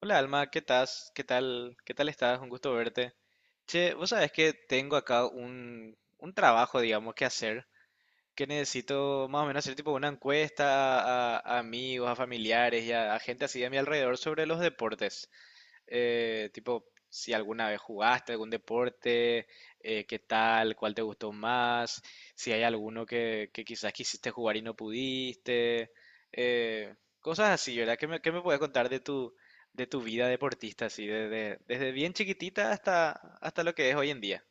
Hola Alma, ¿qué tal? ¿Qué tal? ¿Qué tal estás? Un gusto verte. Che, vos sabés que tengo acá un trabajo, digamos, que hacer, que necesito más o menos hacer tipo una encuesta a amigos, a familiares y a gente así de mi alrededor sobre los deportes. Tipo, si alguna vez jugaste algún deporte, qué tal, cuál te gustó más, si hay alguno que quizás quisiste jugar y no pudiste, cosas así, ¿verdad? Qué me puedes contar de tu vida deportista, así, desde, desde bien chiquitita hasta, hasta lo que es hoy en día?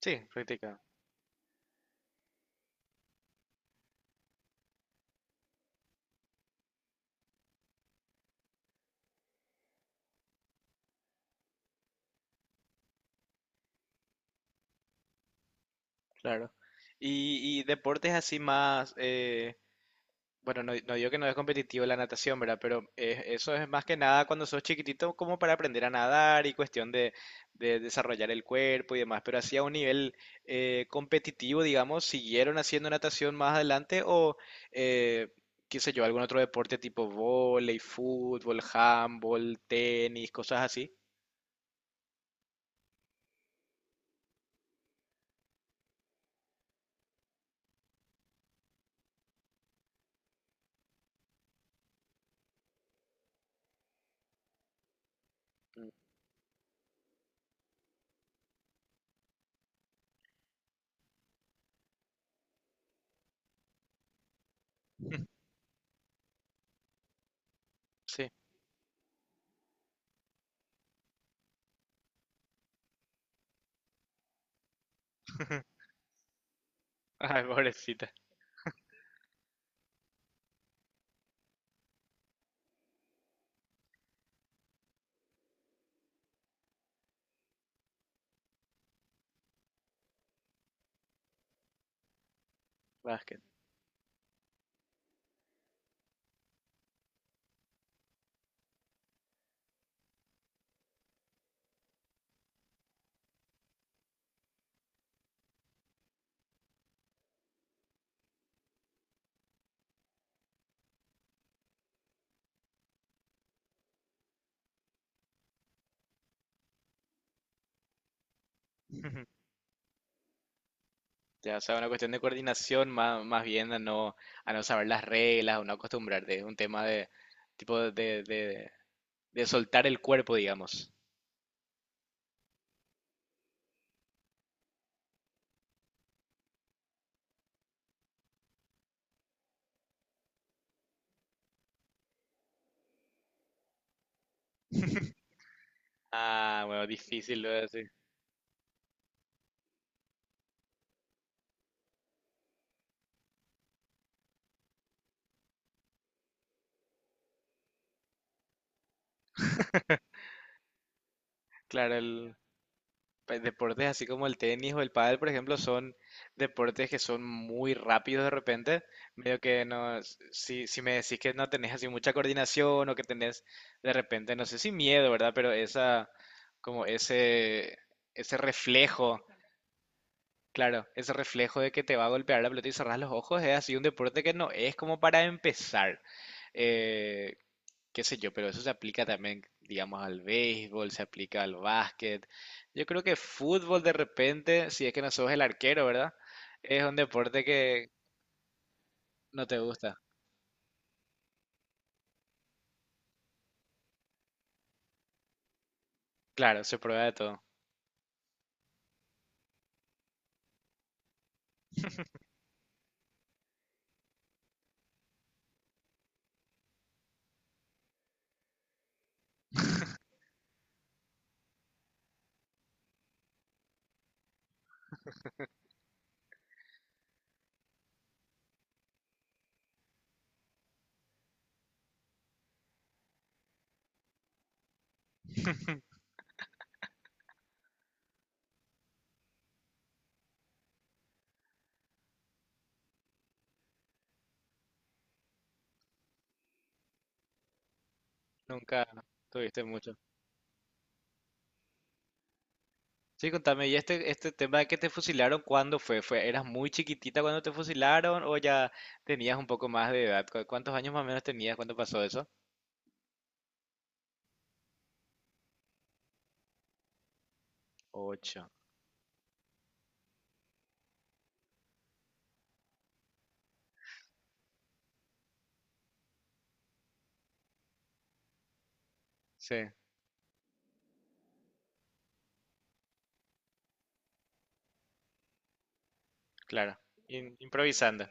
Sí, práctica, claro. Y deportes así más, bueno, no, no digo que no es competitivo la natación, ¿verdad? Pero eso es más que nada cuando sos chiquitito como para aprender a nadar y cuestión de desarrollar el cuerpo y demás. Pero así a un nivel competitivo, digamos, ¿siguieron haciendo natación más adelante o, eh, qué sé yo, algún otro deporte tipo vóley, fútbol, handball, tenis, cosas así? Mm. Sí. Ay, pobrecita. Básquet. Ya, o sea, una cuestión de coordinación más, más bien a no saber las reglas o no acostumbrarte. Es un tema de tipo de, de soltar el cuerpo, digamos. Ah, bueno, difícil lo de decir. Claro, el pues, deportes así como el tenis o el pádel, por ejemplo, son deportes que son muy rápidos de repente. Medio que no, si, si me decís que no tenés así mucha coordinación o que tenés de repente, no sé si miedo, ¿verdad? Pero esa, como ese reflejo. Claro, ese reflejo de que te va a golpear la pelota y cerrar los ojos es así un deporte que no es como para empezar. Eh, Qué sé yo, pero eso se aplica también, digamos, al béisbol, se aplica al básquet. Yo creo que fútbol de repente, si es que no sos el arquero, ¿verdad? Es un deporte que no te gusta. Claro, se prueba de todo. Nunca tuviste mucho. Sí, contame, ¿y este tema de que te fusilaron, cuándo fue? ¿Fue, eras muy chiquitita cuando te fusilaron o ya tenías un poco más de edad? ¿Cu- ¿Cuántos años más o menos tenías cuando pasó eso? Ocho. Sí, claro. In- improvisando.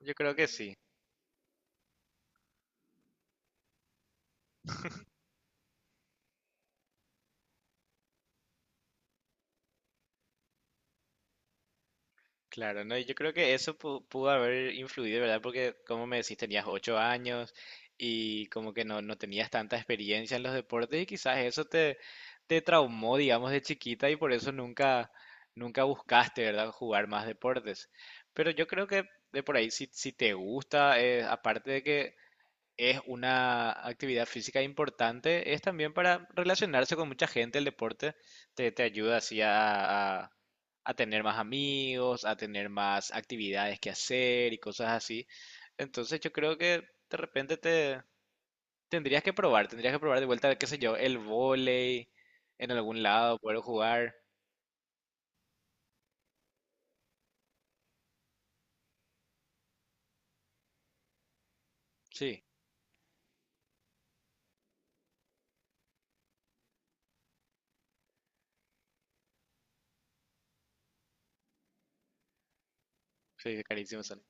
Yo creo que sí. Claro, no, y yo creo que eso pudo haber influido, ¿verdad? Porque, como me decís, tenías ocho años y como que no, no tenías tanta experiencia en los deportes y quizás eso te, te traumó, digamos, de chiquita y por eso nunca, nunca buscaste, ¿verdad? Jugar más deportes. Pero yo creo que de por ahí, si, si te gusta, aparte de que es una actividad física importante, es también para relacionarse con mucha gente, el deporte te, te ayuda así a, a tener más amigos, a tener más actividades que hacer y cosas así. Entonces yo creo que de repente te tendrías que probar de vuelta, qué sé yo, el vóley en algún lado, poder jugar. Sí, sí, carísimos son.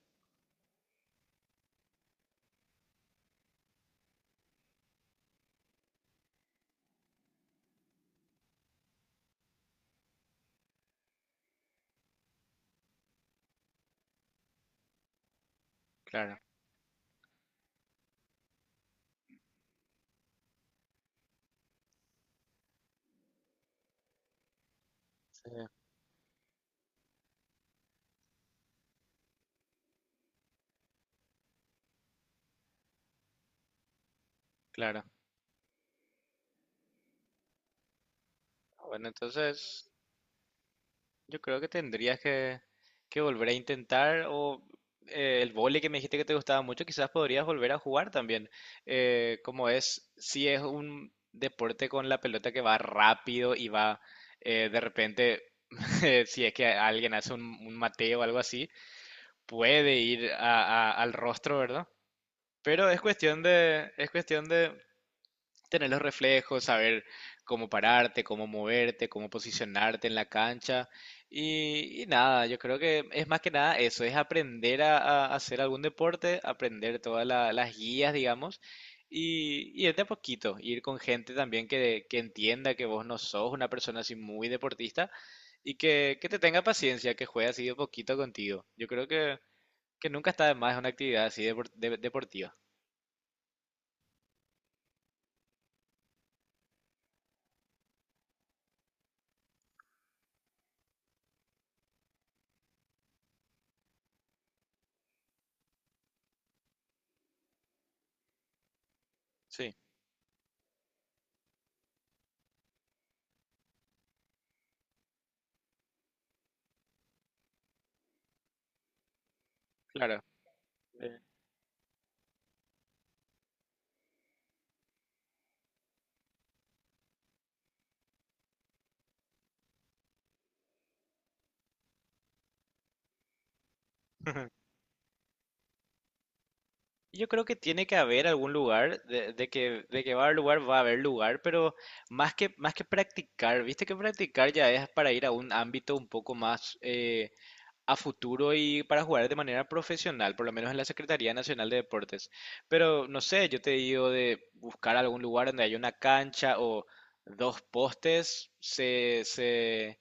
Claro, sí, claro. Bueno, entonces... Yo creo que tendrías que volver a intentar o el vóley que me dijiste que te gustaba mucho, quizás podrías volver a jugar también. Como es, si es un deporte con la pelota que va rápido y va de repente, si es que alguien hace un mateo o algo así, puede ir al rostro, ¿verdad? Pero es cuestión de tener los reflejos, saber cómo pararte, cómo moverte, cómo posicionarte en la cancha. Y nada, yo creo que es más que nada eso, es aprender a hacer algún deporte, aprender todas las guías, digamos, y ir de a poquito, ir con gente también que entienda que vos no sos una persona así muy deportista y que te tenga paciencia, que juegue así de poquito contigo. Yo creo que nunca está de más una actividad así deportiva. Sí, claro. Eh. Yo creo que tiene que haber algún lugar, de que va a haber lugar, va a haber lugar, pero más que practicar, viste que practicar ya es para ir a un ámbito un poco más, a futuro y para jugar de manera profesional, por lo menos en la Secretaría Nacional de Deportes. Pero no sé, yo te digo de buscar algún lugar donde haya una cancha o dos postes, se, se,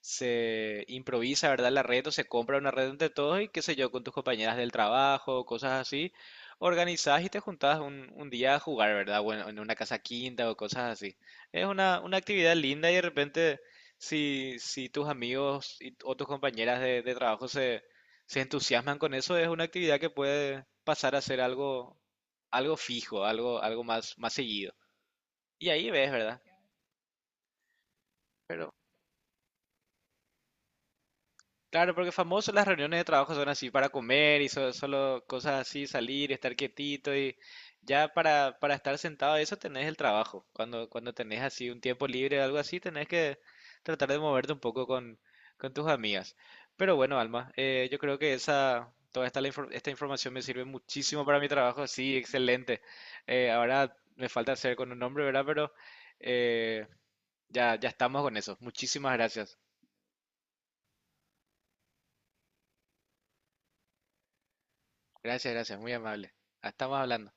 se improvisa, ¿verdad? La red o se compra una red entre todos y qué sé yo, con tus compañeras del trabajo, cosas así. Organizás y te juntás un día a jugar, ¿verdad? Bueno, en una casa quinta o cosas así. Es una actividad linda y de repente si, si tus amigos y, o tus compañeras de trabajo se, se entusiasman con eso, es una actividad que puede pasar a ser algo, algo fijo, algo, algo más, más seguido. Y ahí ves, ¿verdad? Pero claro, porque famoso las reuniones de trabajo son así para comer y solo cosas así, salir, estar quietito y ya para estar sentado, eso tenés el trabajo. Cuando, cuando tenés así un tiempo libre o algo así, tenés que tratar de moverte un poco con tus amigas. Pero bueno, Alma, yo creo que esa, toda esta, esta información me sirve muchísimo para mi trabajo, sí, excelente. Ahora me falta hacer con un nombre, ¿verdad? Pero eh, ya, ya estamos con eso. Muchísimas gracias. Gracias, gracias, muy amable. Ah, estamos hablando.